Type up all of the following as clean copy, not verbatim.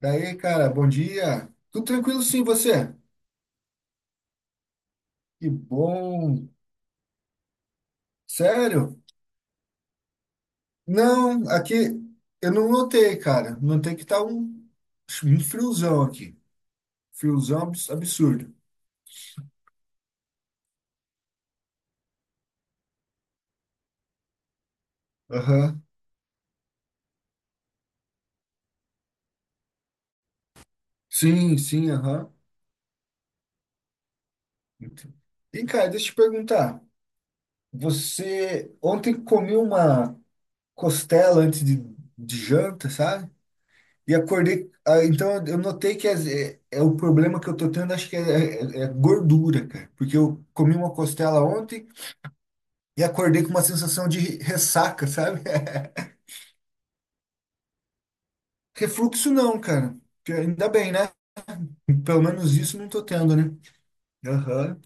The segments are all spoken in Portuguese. Daí, cara, bom dia. Tudo tranquilo sim, você? Que bom. Sério? Não, aqui eu não notei, cara. Notei que tá um friozão aqui. Friozão absurdo. Aham. Sim, sim, aham. Ent- E, cara, deixa eu te perguntar. Você ontem comeu uma costela antes de janta, sabe? E acordei. Então eu notei é, é o problema que eu tô tendo, acho que é, é gordura, cara. Porque eu comi uma costela ontem e acordei com uma sensação de ressaca, sabe? Refluxo não, cara. Que Ainda bem, né? Pelo menos isso não tô tendo, né? Aham.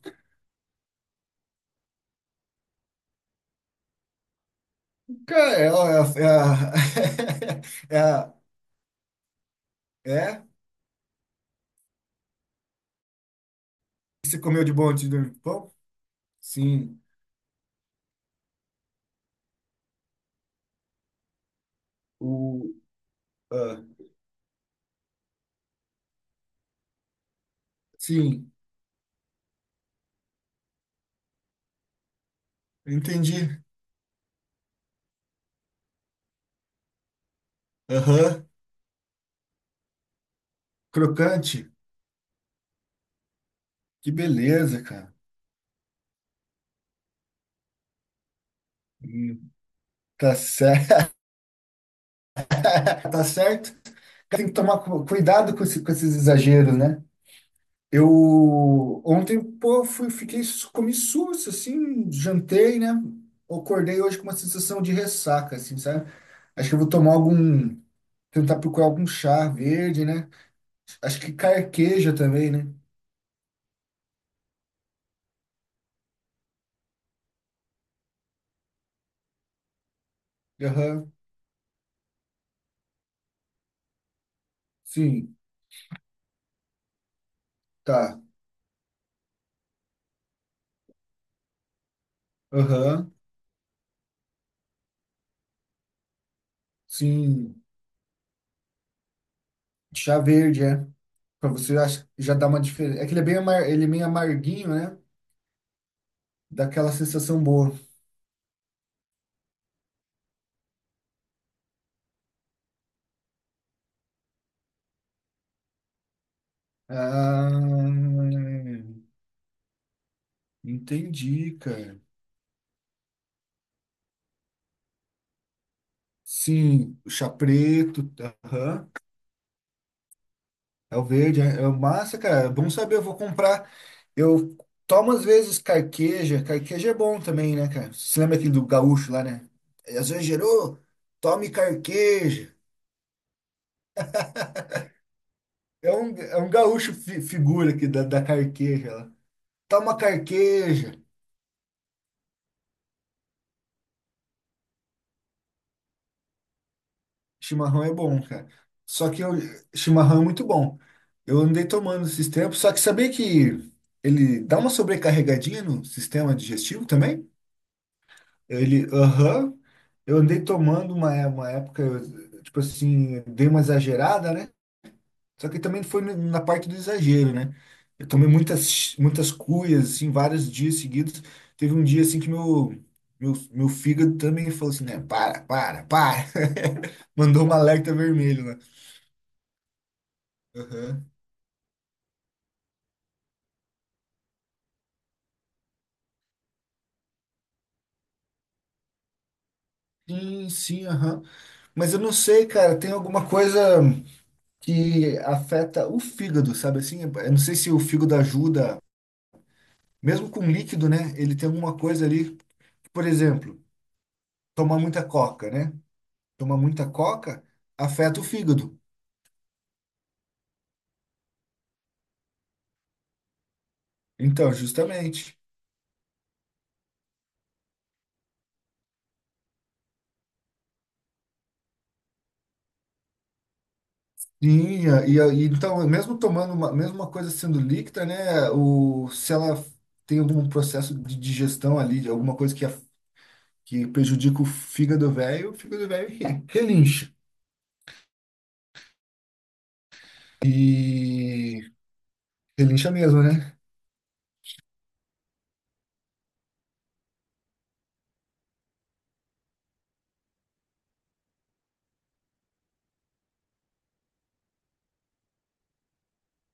Cara, é? O que Você comeu de bom antes de dormir? Pão? Sim. O, ah, sim, entendi. Aham. Crocante? Que beleza, cara. Hum. Tá certo. Tá certo. Tem que tomar cuidado com, com esses exageros, né? Eu ontem, pô, fui, fiquei, comi susto, assim, jantei, né? Acordei hoje com uma sensação de ressaca, assim, sabe? Acho que eu vou tomar algum, tentar procurar algum chá verde, né? Acho que carqueja também, né? Aham, sim, tá. Aham, sim, chá verde, é. Pra você acho que já dar uma diferença. É que ele é bem amar, ele é meio amarguinho, né? Dá aquela sensação boa. Ah, entendi, cara. Sim, o chá preto, aham. É o verde, é é massa, cara. É bom saber, eu vou comprar. Eu tomo às vezes carqueja. Carqueja é bom também, né, cara? Você lembra aquele do gaúcho lá, né? É, às vezes gerou, tome carqueja. É um gaúcho figura aqui da, da carqueja lá. Toma carqueja. Chimarrão é bom, cara. Só que eu, chimarrão é muito bom. Eu andei tomando esses tempos, só que sabia que ele dá uma sobrecarregadinha no sistema digestivo também? Ele, aham. Eu andei tomando uma época, eu, tipo assim, dei uma exagerada, né? Só que também foi na parte do exagero, né? Eu tomei muitas, muitas cuias, assim, vários dias seguidos. Teve um dia, assim, meu fígado também falou assim, né? Para, para, para. Mandou um alerta vermelho, né? Aham. Sim, sim, aham. Mas eu não sei, cara, tem alguma coisa que afeta o fígado, sabe assim? Eu não sei se o fígado ajuda, mesmo com líquido, né? Ele tem alguma coisa ali, por exemplo, tomar muita coca, né? Tomar muita coca afeta o fígado. Então, justamente. Sim, e então, mesmo tomando uma, mesmo uma coisa sendo líquida, né? O, se ela tem algum processo de digestão ali, de alguma coisa que prejudica o fígado velho relincha. E relincha mesmo, né?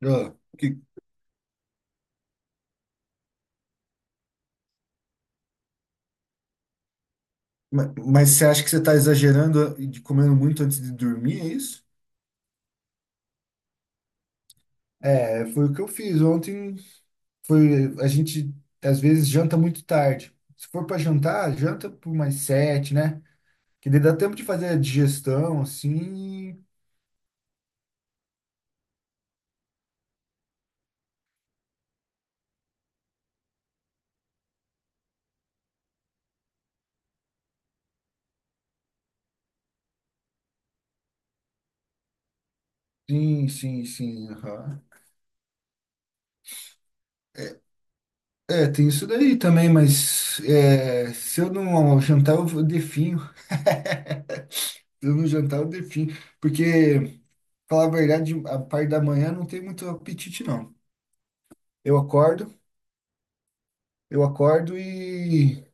Ó, que- mas você acha que você está exagerando e de comendo muito antes de dormir, é isso? É, foi o que eu fiz ontem. Foi, a gente às vezes janta muito tarde. Se for para jantar, janta por mais sete, né? Que daí dá tempo de fazer a digestão, assim. Sim, sim, sim, aham. É, tem isso daí também, mas é, se eu não jantar, definho. Se eu não jantar, eu definho. Porque, falar a verdade, a parte da manhã não tem muito apetite, não. Eu acordo, eu acordo e.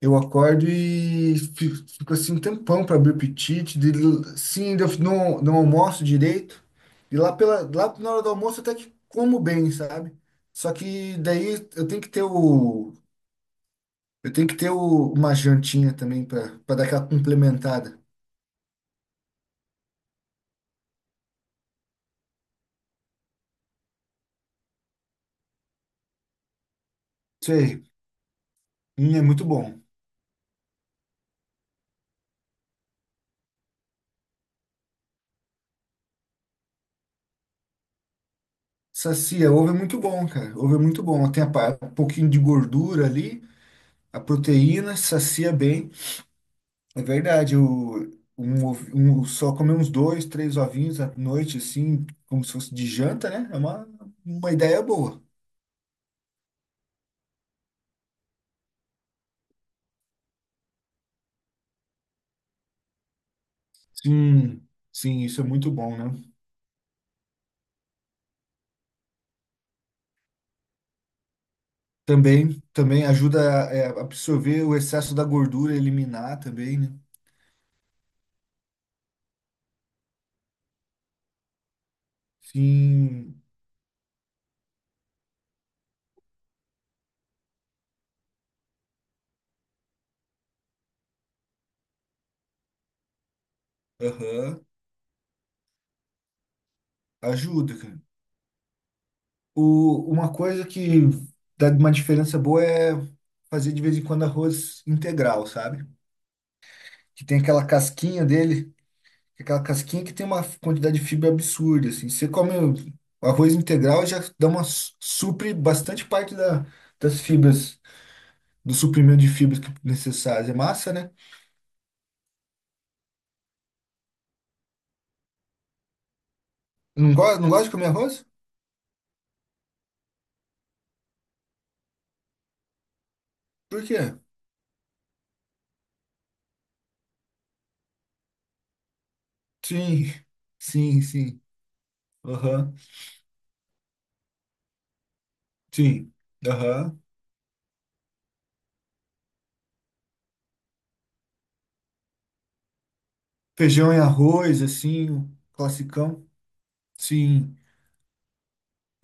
Eu acordo e fico, fico assim um tempão para abrir o apetite. De, sim, ainda não, não almoço direito. E lá, pela, lá na hora do almoço até que como bem, sabe? Só que daí Eu tenho que ter uma jantinha também para dar aquela complementada. Sei, é muito bom. Sacia, ovo é muito bom, cara. Ovo é muito bom. Tem um pouquinho de gordura ali, a proteína, sacia bem. É verdade, o, um, ovo- um- só comer uns dois, três ovinhos à noite, assim, como se fosse de janta, né? É uma ideia boa. Sim, sim, isso é muito bom, né? Também, também ajuda a é, absorver o excesso da gordura, eliminar também, né? Sim, aham. Ajuda, cara. O, uma coisa que dá uma diferença boa é fazer de vez em quando arroz integral, sabe? Que tem aquela casquinha dele, aquela casquinha que tem uma quantidade de fibra absurda, assim. Você come o arroz integral já dá uma supre bastante parte da, das fibras, do suprimento de fibras necessárias. É massa, né? Não gosta, não gosta de comer arroz? Por quê? Sim, sim, sim. Aham, sim, aham. Feijão e arroz, assim, o classicão. Sim.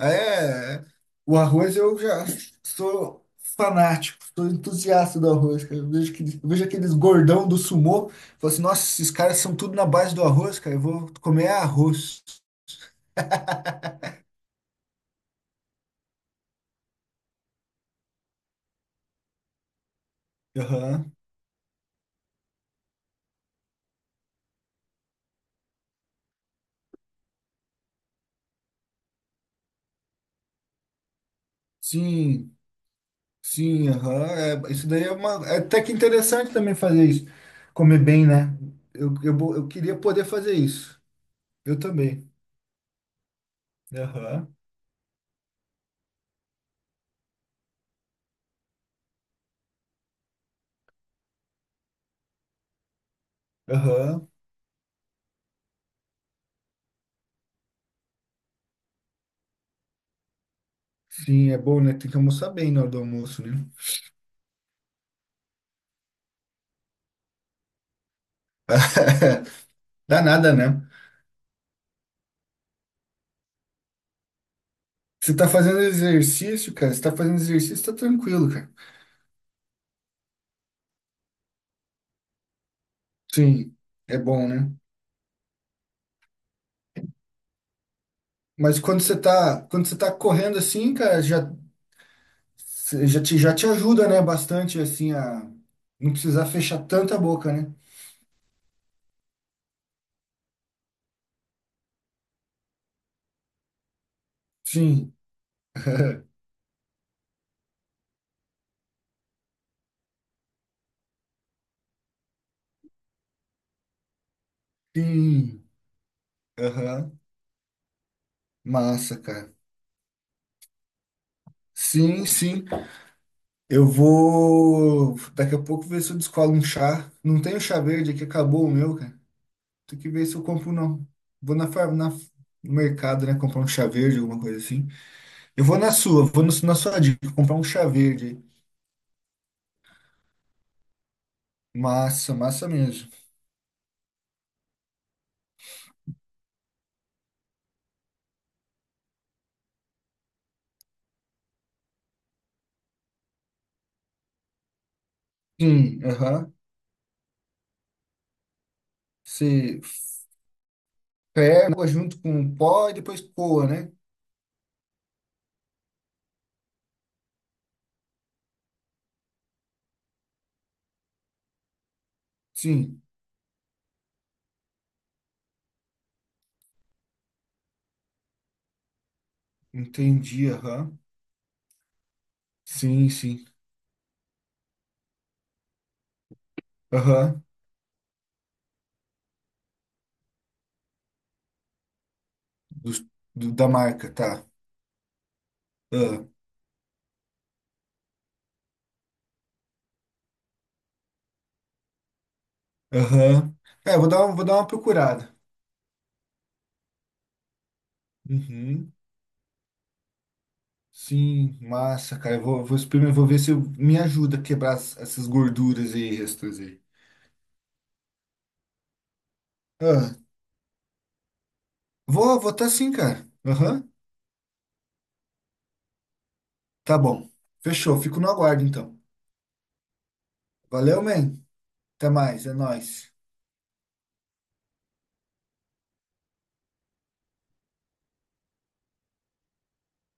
É, é. O arroz eu já sou fanático, sou entusiasta do arroz, cara. Eu vejo aqueles gordão do sumô, falo assim, nossa, esses caras são tudo na base do arroz, cara, eu vou comer arroz. Aham. Sim, sim, aham. É, isso daí é uma. É até que interessante também fazer isso. Comer bem, né? Eu queria poder fazer isso. Eu também. Aham. Aham. Sim, é bom, né? Tem que almoçar bem na hora do almoço, né? Dá nada, né? Você tá fazendo exercício, cara. Você tá fazendo exercício, tá tranquilo, cara. Sim, é bom, né? Mas quando você tá correndo assim, cara, já, já te ajuda, né? Bastante, assim, a não precisar fechar tanta boca, né? Sim, sim. Aham. Massa, cara. Sim, sim. Eu vou daqui a pouco ver se eu descolo um chá. Não tem o chá verde aqui, acabou o meu, cara. Tem que ver se eu compro, não. Vou na, na, no mercado, né? Comprar um chá verde, alguma coisa assim. Eu vou na sua, vou no- na sua dica, comprar um chá verde. Massa, massa mesmo. Sim, aham. Você ferva junto com o pó e depois coa, né? Sim, entendi, aham. Sim, sim. Aham. Dos- da marca, tá. Ah, aham. É, eu vou dar, vou dar uma procurada. Uhum. Sim, massa, cara. Eu vou, vou experimentar, vou ver se eu- me ajuda a quebrar essas gorduras aí, restos aí. Ah, vou, vou tá sim, cara. Aham, tá bom. Fechou, fico no aguardo então. Valeu, man. Até mais, é nóis.